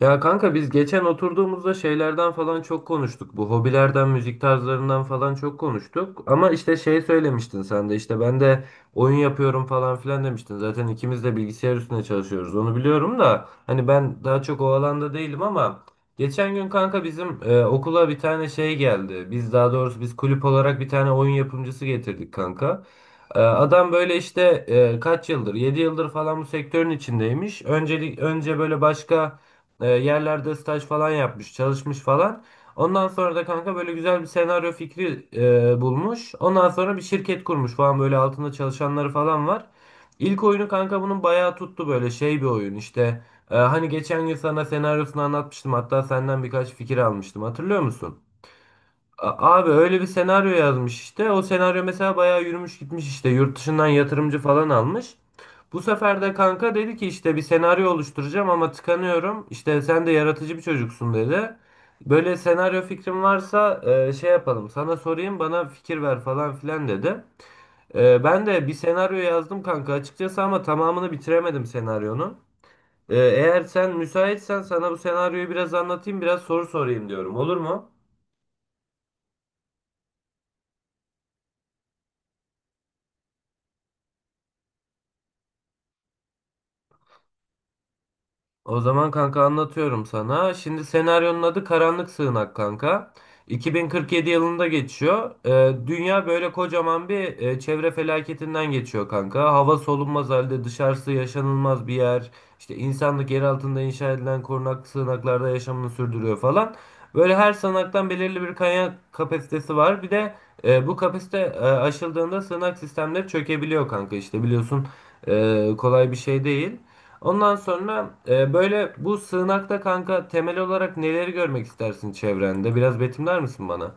Ya kanka biz geçen oturduğumuzda şeylerden falan çok konuştuk. Bu hobilerden, müzik tarzlarından falan çok konuştuk. Ama işte şey söylemiştin sen de işte ben de oyun yapıyorum falan filan demiştin. Zaten ikimiz de bilgisayar üstüne çalışıyoruz. Onu biliyorum da hani ben daha çok o alanda değilim ama geçen gün kanka bizim okula bir tane şey geldi. Biz daha doğrusu biz kulüp olarak bir tane oyun yapımcısı getirdik kanka. Adam böyle işte kaç yıldır 7 yıldır falan bu sektörün içindeymiş. Öncelik önce böyle başka yerlerde staj falan yapmış, çalışmış falan. Ondan sonra da kanka böyle güzel bir senaryo fikri bulmuş. Ondan sonra bir şirket kurmuş falan böyle altında çalışanları falan var. İlk oyunu kanka bunun bayağı tuttu böyle şey bir oyun işte. Hani geçen gün sana senaryosunu anlatmıştım, hatta senden birkaç fikir almıştım, hatırlıyor musun? Abi öyle bir senaryo yazmış işte. O senaryo mesela bayağı yürümüş gitmiş işte. Yurt dışından yatırımcı falan almış. Bu sefer de kanka dedi ki işte bir senaryo oluşturacağım ama tıkanıyorum. İşte sen de yaratıcı bir çocuksun dedi. Böyle senaryo fikrim varsa şey yapalım. Sana sorayım, bana fikir ver falan filan dedi. Ben de bir senaryo yazdım kanka açıkçası ama tamamını bitiremedim senaryonun. Eğer sen müsaitsen sana bu senaryoyu biraz anlatayım, biraz soru sorayım diyorum. Olur mu? O zaman kanka anlatıyorum sana. Şimdi senaryonun adı Karanlık Sığınak kanka. 2047 yılında geçiyor. Dünya böyle kocaman bir çevre felaketinden geçiyor kanka. Hava solunmaz halde, dışarısı yaşanılmaz bir yer. İşte insanlık yer altında inşa edilen korunak sığınaklarda yaşamını sürdürüyor falan. Böyle her sığınaktan belirli bir kaynak kapasitesi var. Bir de bu kapasite aşıldığında sığınak sistemleri çökebiliyor kanka. İşte biliyorsun kolay bir şey değil. Ondan sonra böyle bu sığınakta kanka temel olarak neleri görmek istersin çevrende? Biraz betimler misin bana?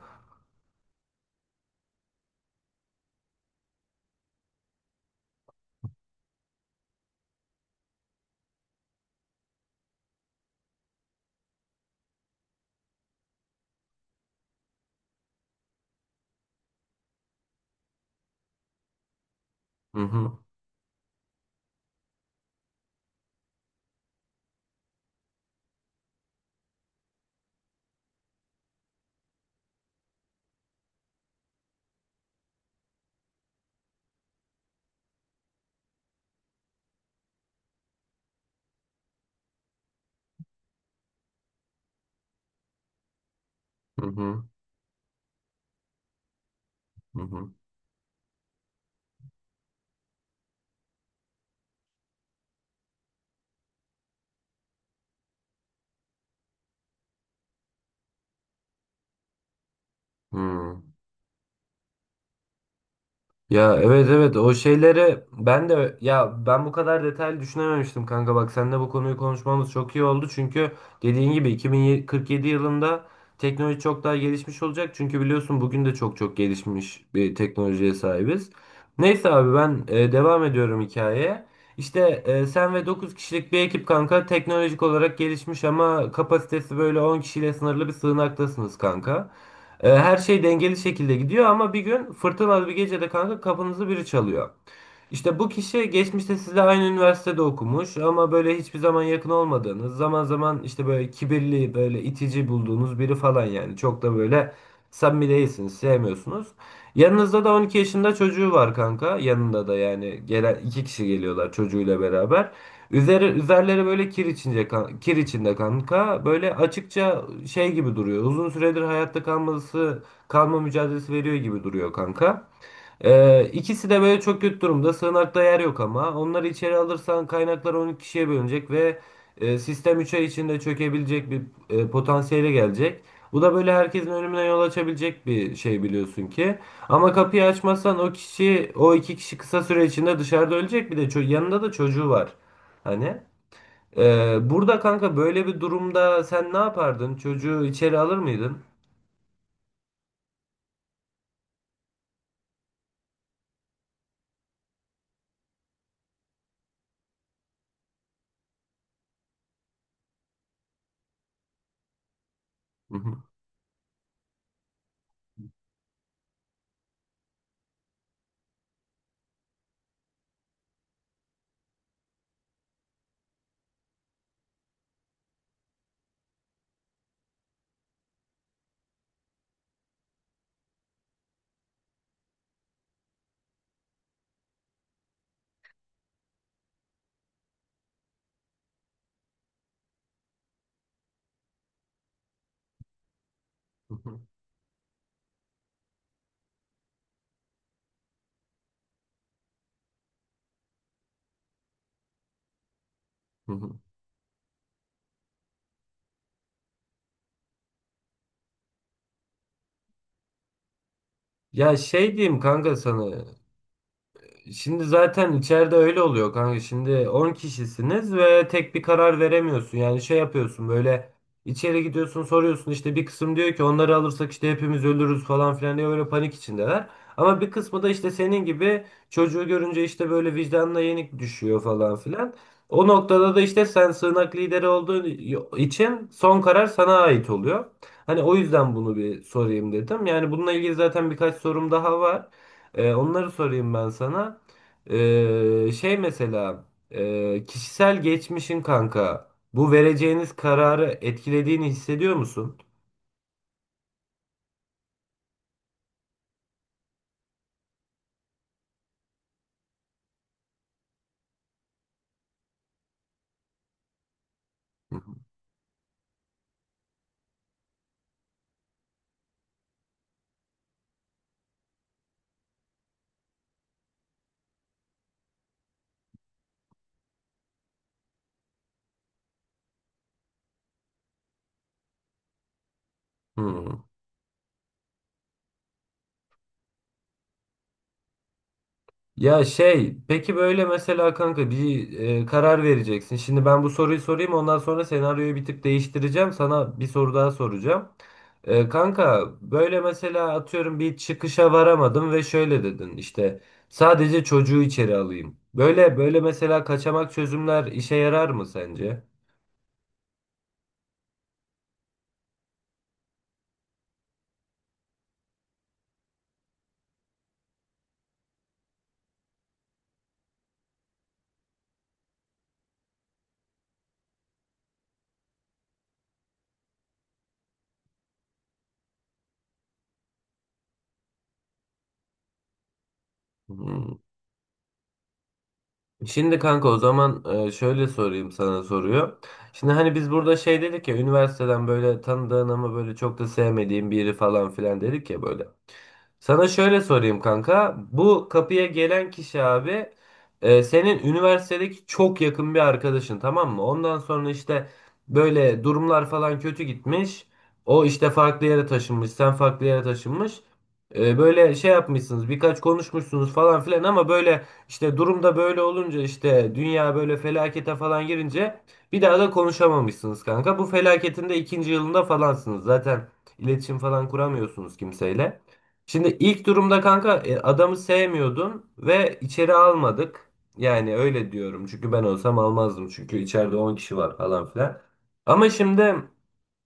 Hı hı. Hı hı. Hı hı. Hı. Ya, evet evet, o şeyleri ben de, ya ben bu kadar detaylı düşünememiştim kanka, bak seninle bu konuyu konuşmamız çok iyi oldu çünkü dediğin gibi 2047 yılında teknoloji çok daha gelişmiş olacak çünkü biliyorsun bugün de çok çok gelişmiş bir teknolojiye sahibiz. Neyse abi ben devam ediyorum hikayeye. İşte sen ve 9 kişilik bir ekip kanka teknolojik olarak gelişmiş ama kapasitesi böyle 10 kişiyle sınırlı bir sığınaktasınız kanka. Her şey dengeli şekilde gidiyor ama bir gün fırtınalı bir gecede kanka kapınızı biri çalıyor. İşte bu kişi geçmişte sizle aynı üniversitede okumuş ama böyle hiçbir zaman yakın olmadığınız, zaman zaman işte böyle kibirli, böyle itici bulduğunuz biri falan yani. Çok da böyle samimi değilsiniz, sevmiyorsunuz. Yanınızda da 12 yaşında çocuğu var kanka. Yanında da, yani gelen 2 kişi geliyorlar çocuğuyla beraber. Üzerleri böyle kir kir içinde kanka. Böyle açıkça şey gibi duruyor. Uzun süredir hayatta kalma mücadelesi veriyor gibi duruyor kanka. İkisi de böyle çok kötü durumda. Sığınakta yer yok ama. Onları içeri alırsan kaynaklar 12 kişiye bölünecek ve sistem 3 ay içinde çökebilecek bir potansiyele gelecek. Bu da böyle herkesin önümüne yol açabilecek bir şey biliyorsun ki. Ama kapıyı açmazsan o kişi, o 2 kişi kısa süre içinde dışarıda ölecek. Bir de yanında da çocuğu var. Hani. Burada kanka böyle bir durumda sen ne yapardın? Çocuğu içeri alır mıydın? Hı hı, hı hı, hı hı. Ya şey diyeyim kanka sana. Şimdi zaten içeride öyle oluyor kanka. Şimdi 10 kişisiniz ve tek bir karar veremiyorsun. Yani şey yapıyorsun böyle, içeri gidiyorsun, soruyorsun, işte bir kısım diyor ki onları alırsak işte hepimiz ölürüz falan filan diye, böyle panik içindeler. Ama bir kısmı da işte senin gibi çocuğu görünce işte böyle vicdanına yenik düşüyor falan filan. O noktada da işte sen sığınak lideri olduğun için son karar sana ait oluyor. Hani o yüzden bunu bir sorayım dedim. Yani bununla ilgili zaten birkaç sorum daha var. Onları sorayım ben sana. Şey mesela kişisel geçmişin kanka bu vereceğiniz kararı etkilediğini hissediyor musun? Hı. Ya şey, peki böyle mesela kanka bir karar vereceksin. Şimdi ben bu soruyu sorayım, ondan sonra senaryoyu bir tık değiştireceğim. Sana bir soru daha soracağım. Kanka böyle mesela atıyorum, bir çıkışa varamadım ve şöyle dedin işte sadece çocuğu içeri alayım. Böyle böyle mesela kaçamak çözümler işe yarar mı sence? Hmm. Şimdi kanka o zaman şöyle sorayım sana soruyor. Şimdi hani biz burada şey dedik ya, üniversiteden böyle tanıdığın ama böyle çok da sevmediğin biri falan filan dedik ya böyle. Sana şöyle sorayım kanka. Bu kapıya gelen kişi abi senin üniversitedeki çok yakın bir arkadaşın, tamam mı? Ondan sonra işte böyle durumlar falan kötü gitmiş. O işte farklı yere taşınmış, sen farklı yere taşınmış. Böyle şey yapmışsınız, birkaç konuşmuşsunuz falan filan ama böyle işte durumda böyle olunca, işte dünya böyle felakete falan girince, bir daha da konuşamamışsınız kanka. Bu felaketin de ikinci yılında falansınız. Zaten iletişim falan kuramıyorsunuz kimseyle. Şimdi ilk durumda kanka adamı sevmiyordun ve içeri almadık. Yani öyle diyorum. Çünkü ben olsam almazdım. Çünkü içeride 10 kişi var falan filan. Ama şimdi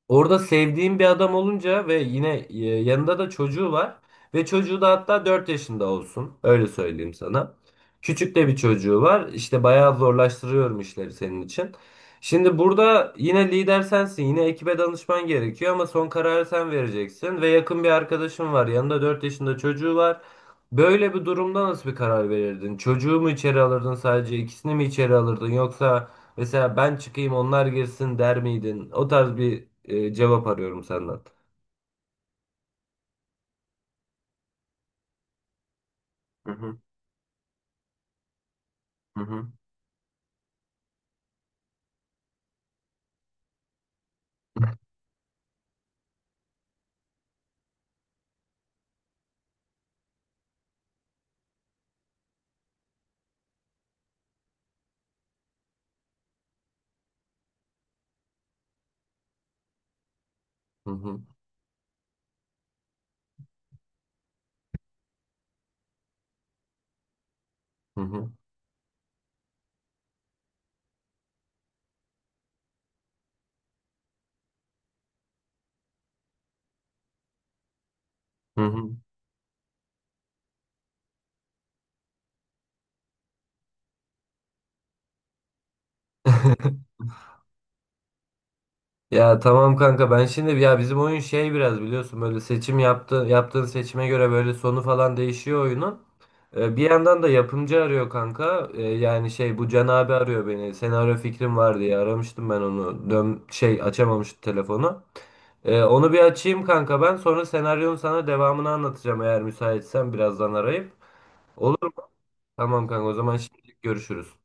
orada sevdiğim bir adam olunca ve yine yanında da çocuğu var. Ve çocuğu da hatta 4 yaşında olsun. Öyle söyleyeyim sana. Küçük de bir çocuğu var. İşte bayağı zorlaştırıyorum işleri senin için. Şimdi burada yine lider sensin. Yine ekibe danışman gerekiyor ama son kararı sen vereceksin. Ve yakın bir arkadaşın var. Yanında 4 yaşında çocuğu var. Böyle bir durumda nasıl bir karar verirdin? Çocuğu mu içeri alırdın sadece? İkisini mi içeri alırdın? Yoksa mesela ben çıkayım, onlar girsin der miydin? O tarz bir cevap arıyorum senden. Hı hı. Hı hı. Hı hı. Hı hı. Ya tamam kanka, ben şimdi, ya bizim oyun şey biraz biliyorsun, böyle seçim yaptığın seçime göre böyle sonu falan değişiyor oyunun. Bir yandan da yapımcı arıyor kanka. Yani şey, bu Can abi arıyor beni. Senaryo fikrim var diye aramıştım ben onu. Dön şey açamamıştı telefonu. Onu bir açayım kanka ben. Sonra senaryonun sana devamını anlatacağım eğer müsaitsen birazdan arayıp. Olur mu? Tamam kanka, o zaman şimdi görüşürüz.